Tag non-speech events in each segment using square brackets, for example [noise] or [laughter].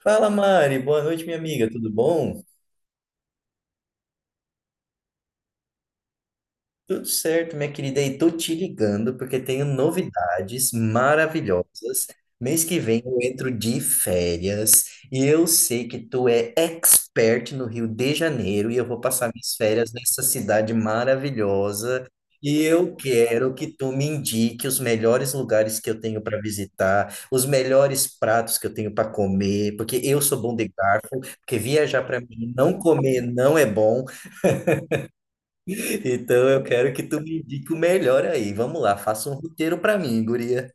Fala, Mari. Boa noite, minha amiga. Tudo bom? Tudo certo, minha querida. E tô te ligando porque tenho novidades maravilhosas. Mês que vem eu entro de férias e eu sei que tu é expert no Rio de Janeiro e eu vou passar minhas férias nessa cidade maravilhosa. E eu quero que tu me indique os melhores lugares que eu tenho para visitar, os melhores pratos que eu tenho para comer, porque eu sou bom de garfo, porque viajar para mim não comer não é bom. Então eu quero que tu me indique o melhor aí. Vamos lá, faça um roteiro pra mim, guria.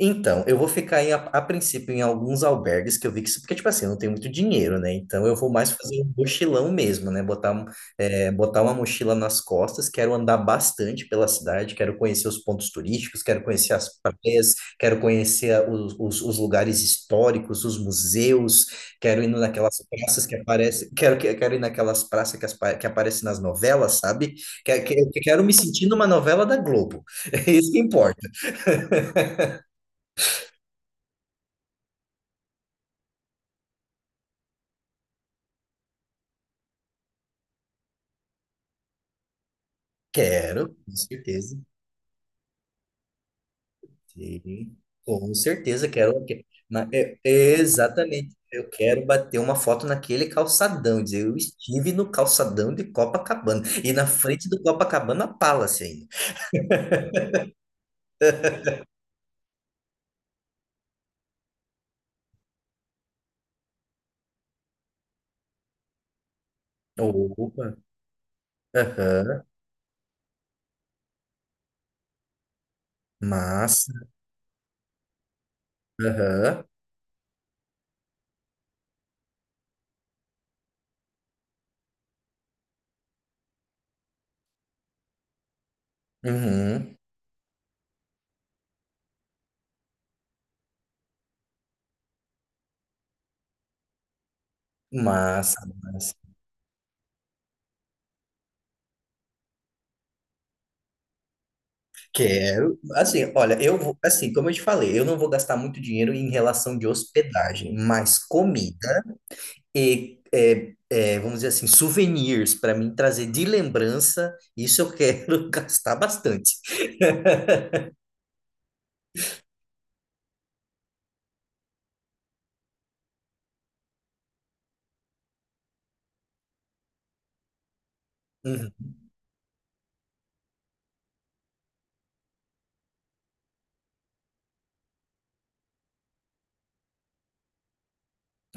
Então, eu vou ficar a princípio em alguns albergues que eu vi que porque, tipo assim, eu não tenho muito dinheiro, né? Então, eu vou mais fazer um mochilão mesmo, né? Botar uma mochila nas costas, quero andar bastante pela cidade, quero conhecer os pontos turísticos, quero conhecer as praias, quero conhecer os lugares históricos, os museus, quero ir naquelas praças que aparecem, quero, quero ir naquelas praças que aparecem nas novelas, sabe? Quero me sentir numa novela da Globo. [laughs] É isso que importa. Quero, com certeza. Sim, com certeza quero. Exatamente, eu quero bater uma foto naquele calçadão, dizer, eu estive no calçadão de Copacabana e na frente do Copacabana Palace ainda. Opa, aham, massa, aham, uhum, massa, massa. Quero, assim, olha, eu vou, assim, como eu te falei, eu não vou gastar muito dinheiro em relação de hospedagem, mas comida. E é, é, vamos dizer assim, souvenirs para mim trazer de lembrança, isso eu quero [laughs] gastar bastante. Uhum.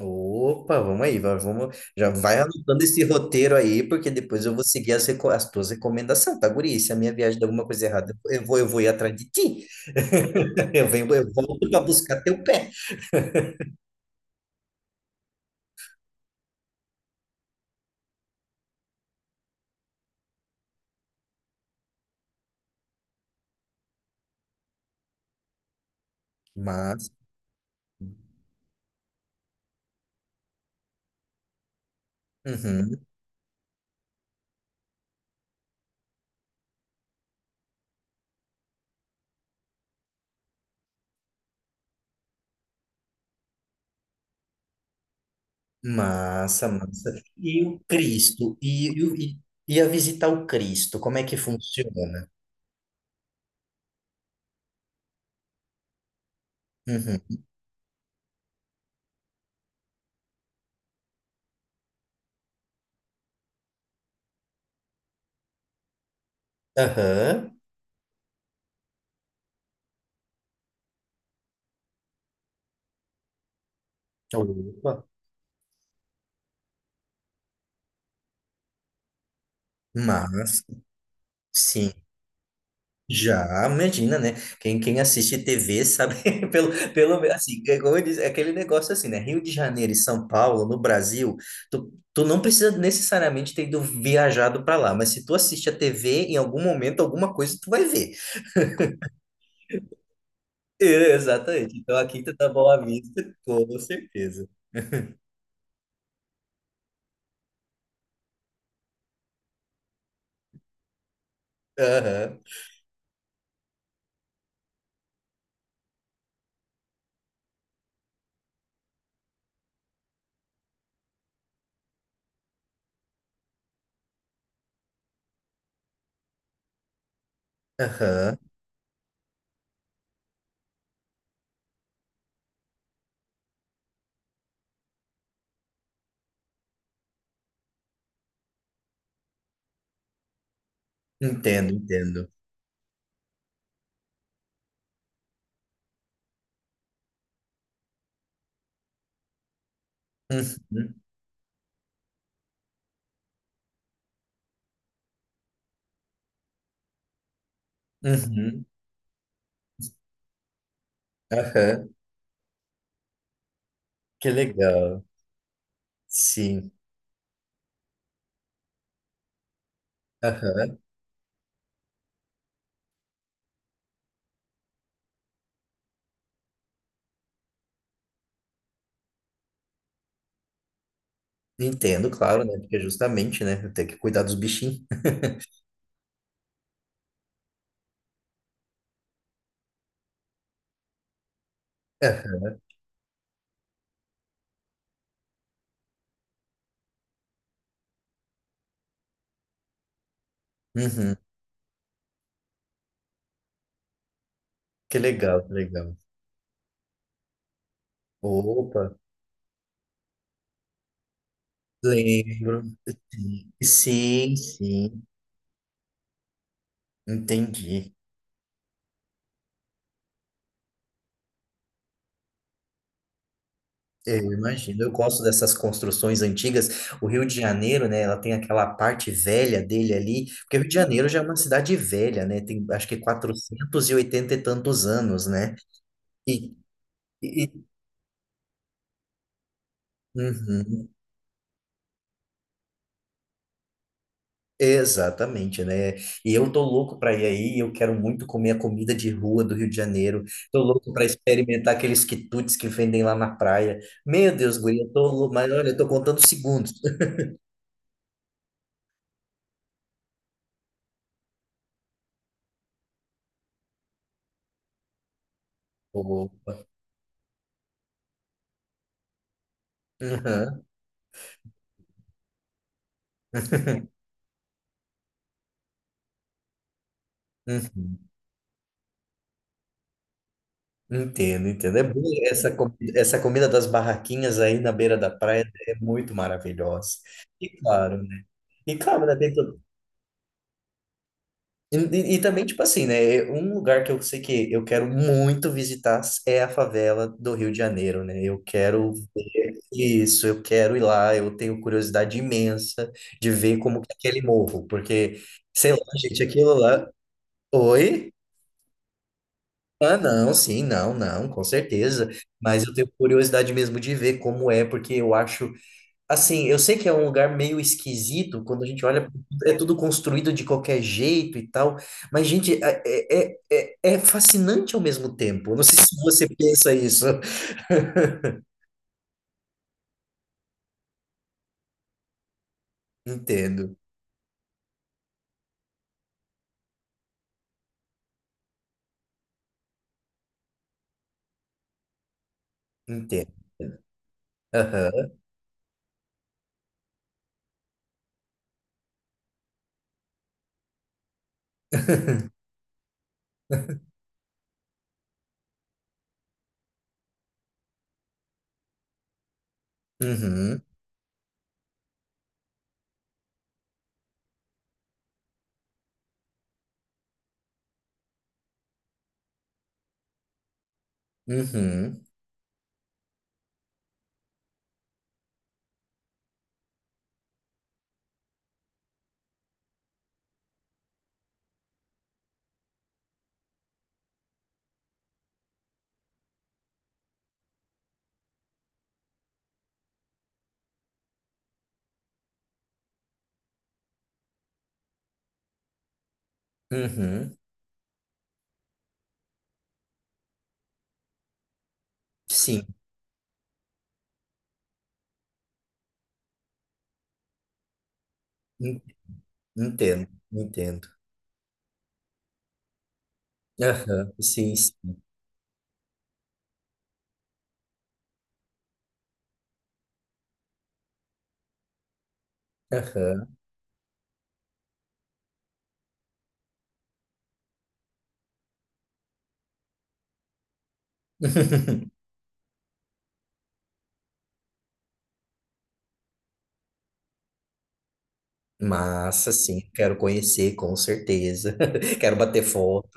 Opa, vamos aí, vamos, já vai anotando esse roteiro aí, porque depois eu vou seguir as tuas recomendações, tá, guri? Se a minha viagem der alguma coisa errada, eu vou ir atrás de ti. [laughs] Eu venho, eu volto para buscar teu pé. Mas, uhum, massa, massa. E o Cristo, e a visitar o Cristo, como é que funciona? Uhum. Aham. Opa. Mas, sim, já imagina, né? Quem assiste TV sabe, [laughs] pelo, pelo menos, assim, é como eu disse, é aquele negócio assim, né? Rio de Janeiro e São Paulo, no Brasil, tu não precisa necessariamente ter ido viajado para lá, mas se tu assiste a TV, em algum momento, alguma coisa tu vai ver. [laughs] Exatamente. Então, aqui tu tá Boa Vista, com certeza. Aham, aham. Entendo, entendo. Uhum, uhum, aham. Que legal. Sim. Aham, entendo, claro, né? Porque justamente, né? Tem que cuidar dos bichinhos. [laughs] Aham, uhum. Que legal, que legal. Opa, lembro. Sim, sim, sim, entendi. É, eu imagino, eu gosto dessas construções antigas. O Rio de Janeiro, né? Ela tem aquela parte velha dele ali, porque o Rio de Janeiro já é uma cidade velha, né? Tem acho que 480 e oitenta e tantos anos, né? E, e, uhum. Exatamente, né? E eu tô louco para ir aí, eu quero muito comer a comida de rua do Rio de Janeiro. Tô louco para experimentar aqueles quitutes que vendem lá na praia. Meu Deus, guria, eu tô louco, mas olha, eu tô contando segundos. [laughs] Opa. Uhum, uhum. Entendo, entendo. É bom essa comida das barraquinhas aí na beira da praia é muito maravilhosa. E claro, né? E claro, né, tem E, e também, tipo assim, né? Um lugar que eu sei que eu quero muito visitar é a favela do Rio de Janeiro, né? Eu quero isso, eu quero ir lá, eu tenho curiosidade imensa de ver como que é aquele morro, porque, sei lá, gente, aquilo lá. Oi? Ah, não, sim, não, não, com certeza. Mas eu tenho curiosidade mesmo de ver como é, porque eu acho. Assim, eu sei que é um lugar meio esquisito, quando a gente olha, é tudo construído de qualquer jeito e tal, mas, gente, é fascinante ao mesmo tempo. Eu não sei se você pensa isso. [laughs] Entendo, entendo. Aham. [laughs] Uhum, uhum, uhum. Sim, en- entendo, entendo. Aham, sim, sim. Aham. [laughs] Massa, sim, quero conhecer, com certeza. [laughs] Quero bater foto.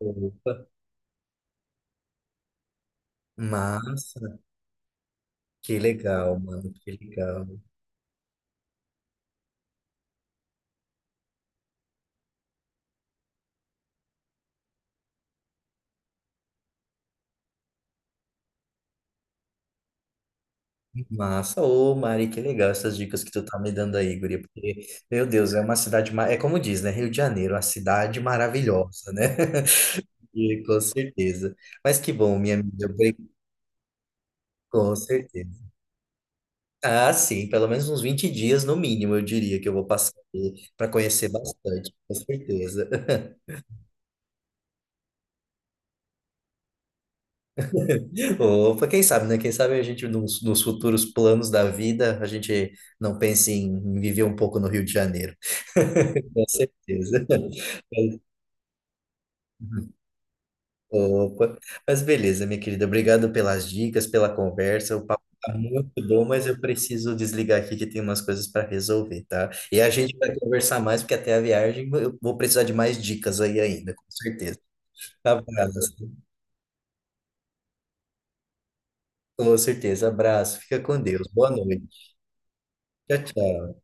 Opa, massa. Que legal, mano, que legal. Massa, ô Mari, que legal essas dicas que tu tá me dando aí, guria, porque, meu Deus, é uma cidade, ma- é como diz, né, Rio de Janeiro, uma cidade maravilhosa, né? [laughs] E, com certeza. Mas que bom, minha amiga, com certeza. Ah, sim, pelo menos uns 20 dias no mínimo, eu diria que eu vou passar para conhecer bastante, com certeza. Opa, quem sabe, né? Quem sabe a gente, nos futuros planos da vida, a gente não pense em viver um pouco no Rio de Janeiro. [laughs] Com certeza. Opa, mas beleza, minha querida. Obrigado pelas dicas, pela conversa. O papo tá muito bom, mas eu preciso desligar aqui que tem umas coisas para resolver, tá? E a gente vai conversar mais, porque até a viagem eu vou precisar de mais dicas aí ainda, com certeza. Abraço. Com certeza. Abraço. Fica com Deus. Boa noite. Tchau, tchau.